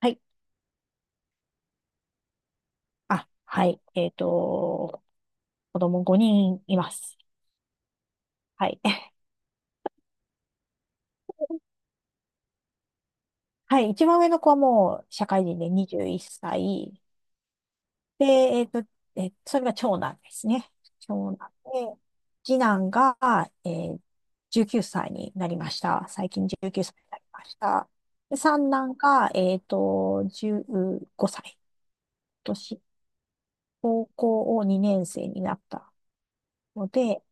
はい。あ、はい。子供5人います。はい。はい。一番上の子はもう社会人で21歳。で、それが長男ですね。長男で、次男が、えー、19歳になりました。最近19歳になりました。で、三男が、15歳。今年、高校を2年生になったので、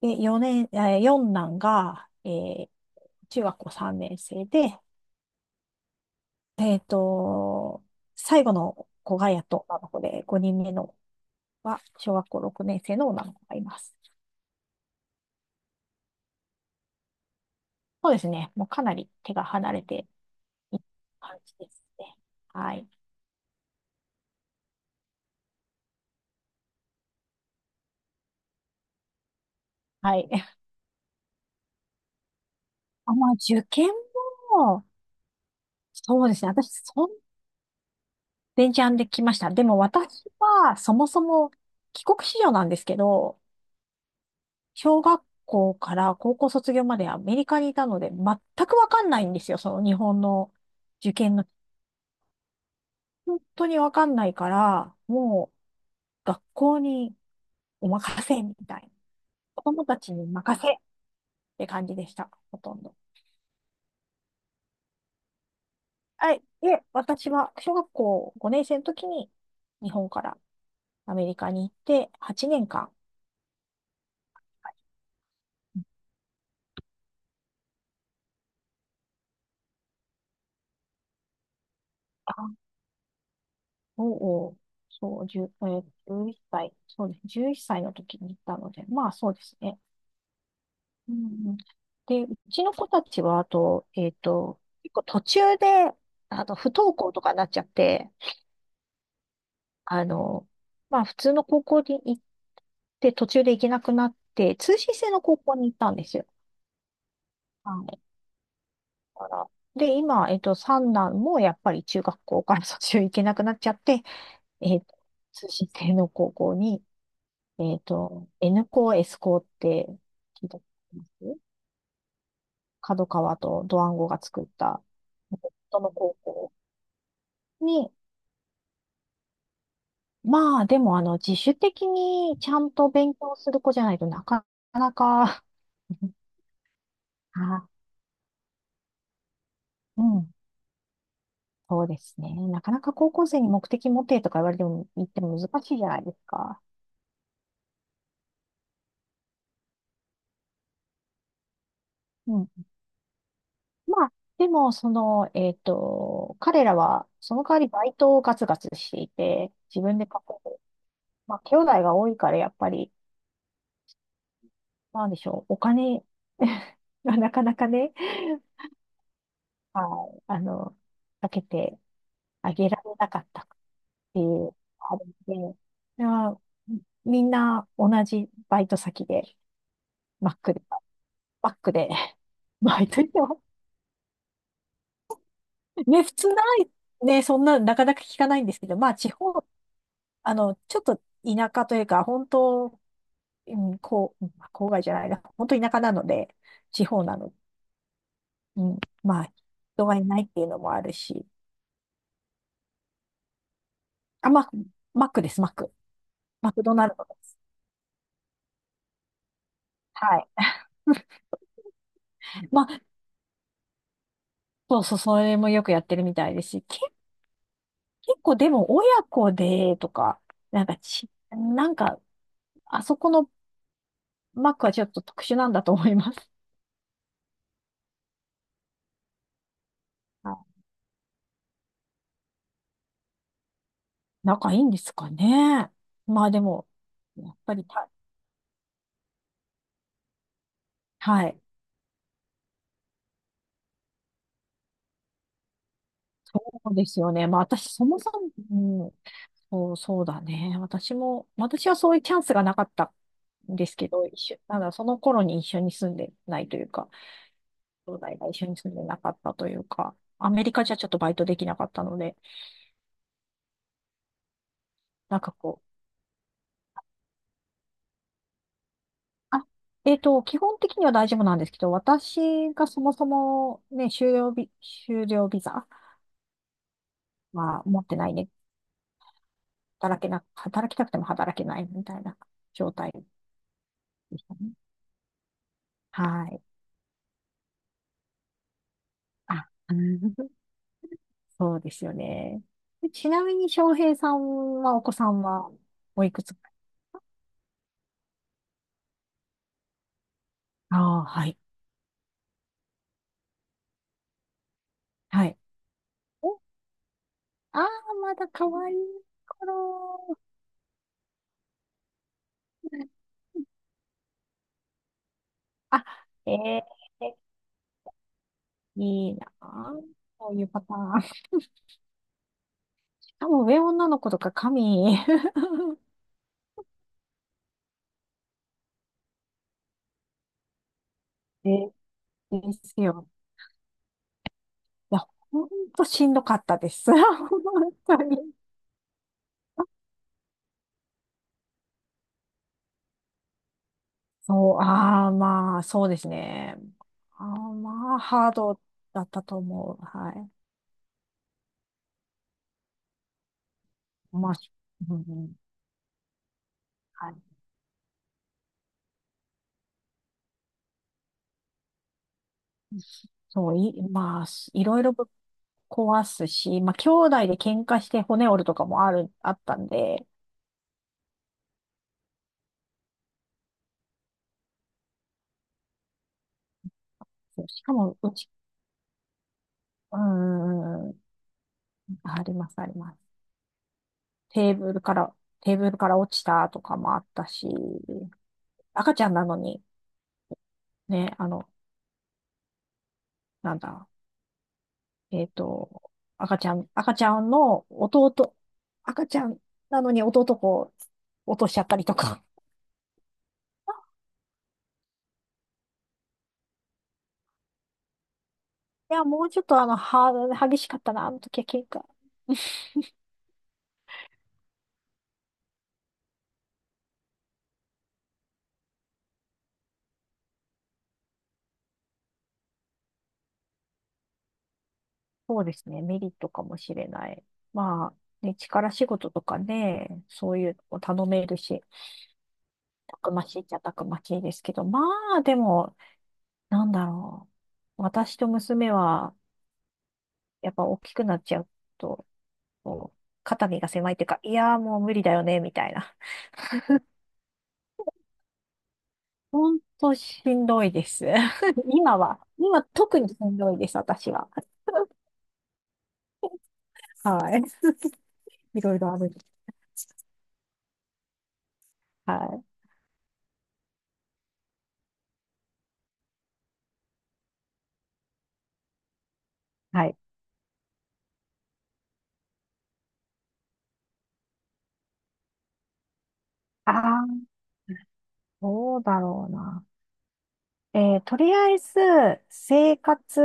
で、4年、えー四男が、中学校3年生で、えっと、最後の子がやっと女の子で、5人目のは小学校6年生の女の子がいます。そうですね。もうかなり手が離れている感じですね。はい。はい。あ、まあ、受験も、そうですね。私、ベンチャンで来ました。でも私は、そもそも帰国子女なんですけど、小学校から高校卒業までアメリカにいたので、全くわかんないんですよ。その日本の受験の。本当にわかんないから、もう学校にお任せみたいな。子供たちに任せって感じでした。ほとんど。はい。で、私は小学校5年生の時に日本からアメリカに行って8年間、あ、おうおう、そう、1えー1歳、そうです。11歳の時に行ったので、まあそうですね。うんうん、で、うちの子たちは、あと、結構途中で、不登校とかになっちゃって、あの、まあ、普通の高校に行って、途中で行けなくなって、通信制の高校に行ったんですよ。はい。だから、で、今、三男もやっぱり中学校から卒業行けなくなっちゃって、えっと、通信制の高校に、N 校、S 校って聞いたことあります？角川とドワンゴが作った、元の高校に、まあでもあの自主的にちゃんと勉強する子じゃないとなかなか。 あ、うん、そうですね。なかなか高校生に目的持てとか言われても、言っても難しいじゃないですか。うん。まあ、でも、その、彼らは、その代わりバイトをガツガツしていて、自分で稼ぐ。まあ、兄弟が多いから、やっぱり、なんでしょう、お金 がなかなかね、はい、かけてあげられなかった。ていうあるので、いや、みんな同じバイト先で、マックで、マックで、バイトしてます。ね、普通ない、ね、そんな、なかなか聞かないんですけど、まあ、地方、ちょっと田舎というか、本当、うん、こう、まあ郊外じゃないな、本当田舎なので、地方なの、うん、まあ、人がいないっていうのもあるし、あ、まあ、マックです、マック。マクドナルドです。はい。まあ、そうそう、それもよくやってるみたいですし、結構でも親子でとか、なんかち、なんか、あそこのマックはちょっと特殊なんだと思います。はい、仲いいんですかね。まあでも、やっぱりた、はい。そうですよね。まあ私、そもそも、うん、そう、そうだね。私はそういうチャンスがなかったんですけど、一緒、なんだ、その頃に一緒に住んでないというか、兄弟が一緒に住んでなかったというか、アメリカじゃちょっとバイトできなかったので、なんかこう、あ基本的には大丈夫なんですけど、私がそもそもね、就業ビザは持ってないね。働けな、働きたくても働けないみたいな状態でしたね。はい。あ、うん そうですよね。でちなみに翔平さんはお子さんはおいくつ？ああー、はい。はい。お、ああ、まだ可愛い頃。あ、ええいいなあ。そういうパターン。多分上女の子とか神。 えですよ。いや、ほんとしんどかったです。本当に。そう、ああ、まあ、そうですね。ああ、まあ、ハードだったと思う。はい。まあ、うん、はい。そう、まあ、いろいろぶっ壊すし、まあ、兄弟で喧嘩して骨折るとかもあったんで、そうしかも、うち、うーん、あります、あります。テーブルから、テーブルから落ちたとかもあったし、赤ちゃんなのに、ね、あの、なんだ、えっと、赤ちゃんの弟、赤ちゃんなのに弟を落としちゃったりとか。いや、もうちょっと激しかったな、あの時は喧嘩。そうですね、メリットかもしれない。まあ、ね、力仕事とかね、そういうのを頼めるし、たくましいっちゃたくましいですけど、まあ、でも、なんだろう。私と娘は、やっぱ大きくなっちゃうと、こう、肩身が狭いっていうか、いやーもう無理だよね、みたいな。ほんとしんどいです。今は、今特にしんどいです、私は。はい。いろいろある。はい。はい。ああ、どうだろうな。とりあえず、生活、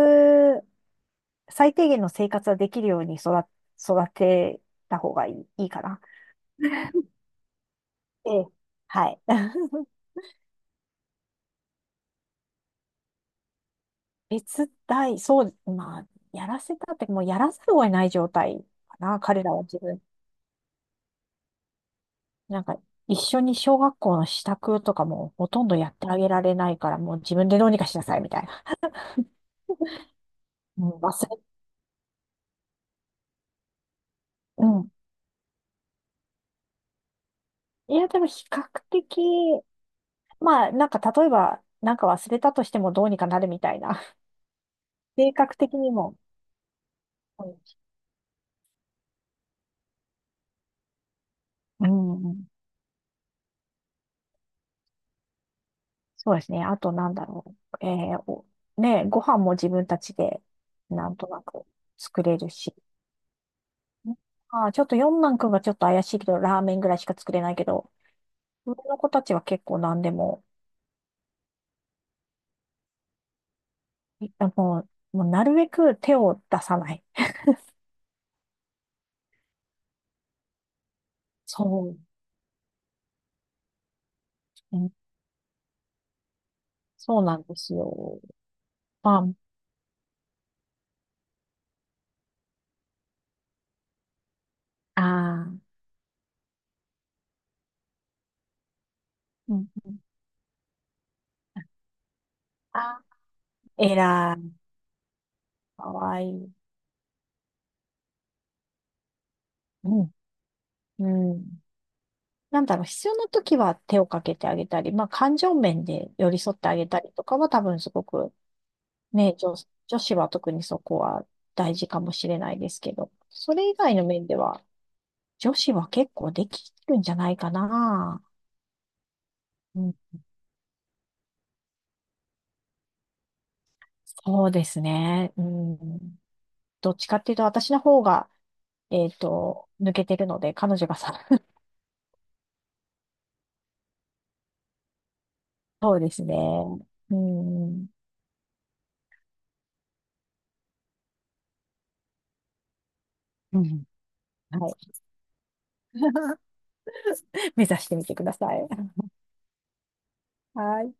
最低限の生活はできるように育てた方がいいかな。ええ。はい。そう、まあ、やらせたって、もうやらざるを得ない状態かな、彼らは自分。なんか、一緒に小学校の支度とかもほとんどやってあげられないから、もう自分でどうにかしなさい、みたいな。うん、うん。いや、でも比較的、まあ、なんか、例えば、なんか忘れたとしてもどうにかなるみたいな。性格的にも。うん、うん、そうですね。あと、なんだろう。えーおね、ご飯も自分たちで、なんとなく作れるし。ああ、ちょっと四男くんがちょっと怪しいけど、ラーメンぐらいしか作れないけど、上の子たちは結構何でも、もう、もうなるべく手を出さない。そう。うんそうなんですよ。まああ、あ、うんうん、あ、偉い、かわいい。うん、うん。なんだろう、必要な時は手をかけてあげたり、まあ、感情面で寄り添ってあげたりとかは多分すごく、ね、女子は特にそこは大事かもしれないですけど、それ以外の面では、女子は結構できるんじゃないかな。うん、そうですね。うん、どっちかっていうと、私の方が、抜けてるので、彼女がさ、そうですね。うん、うん、はい。目指してみてください。はい。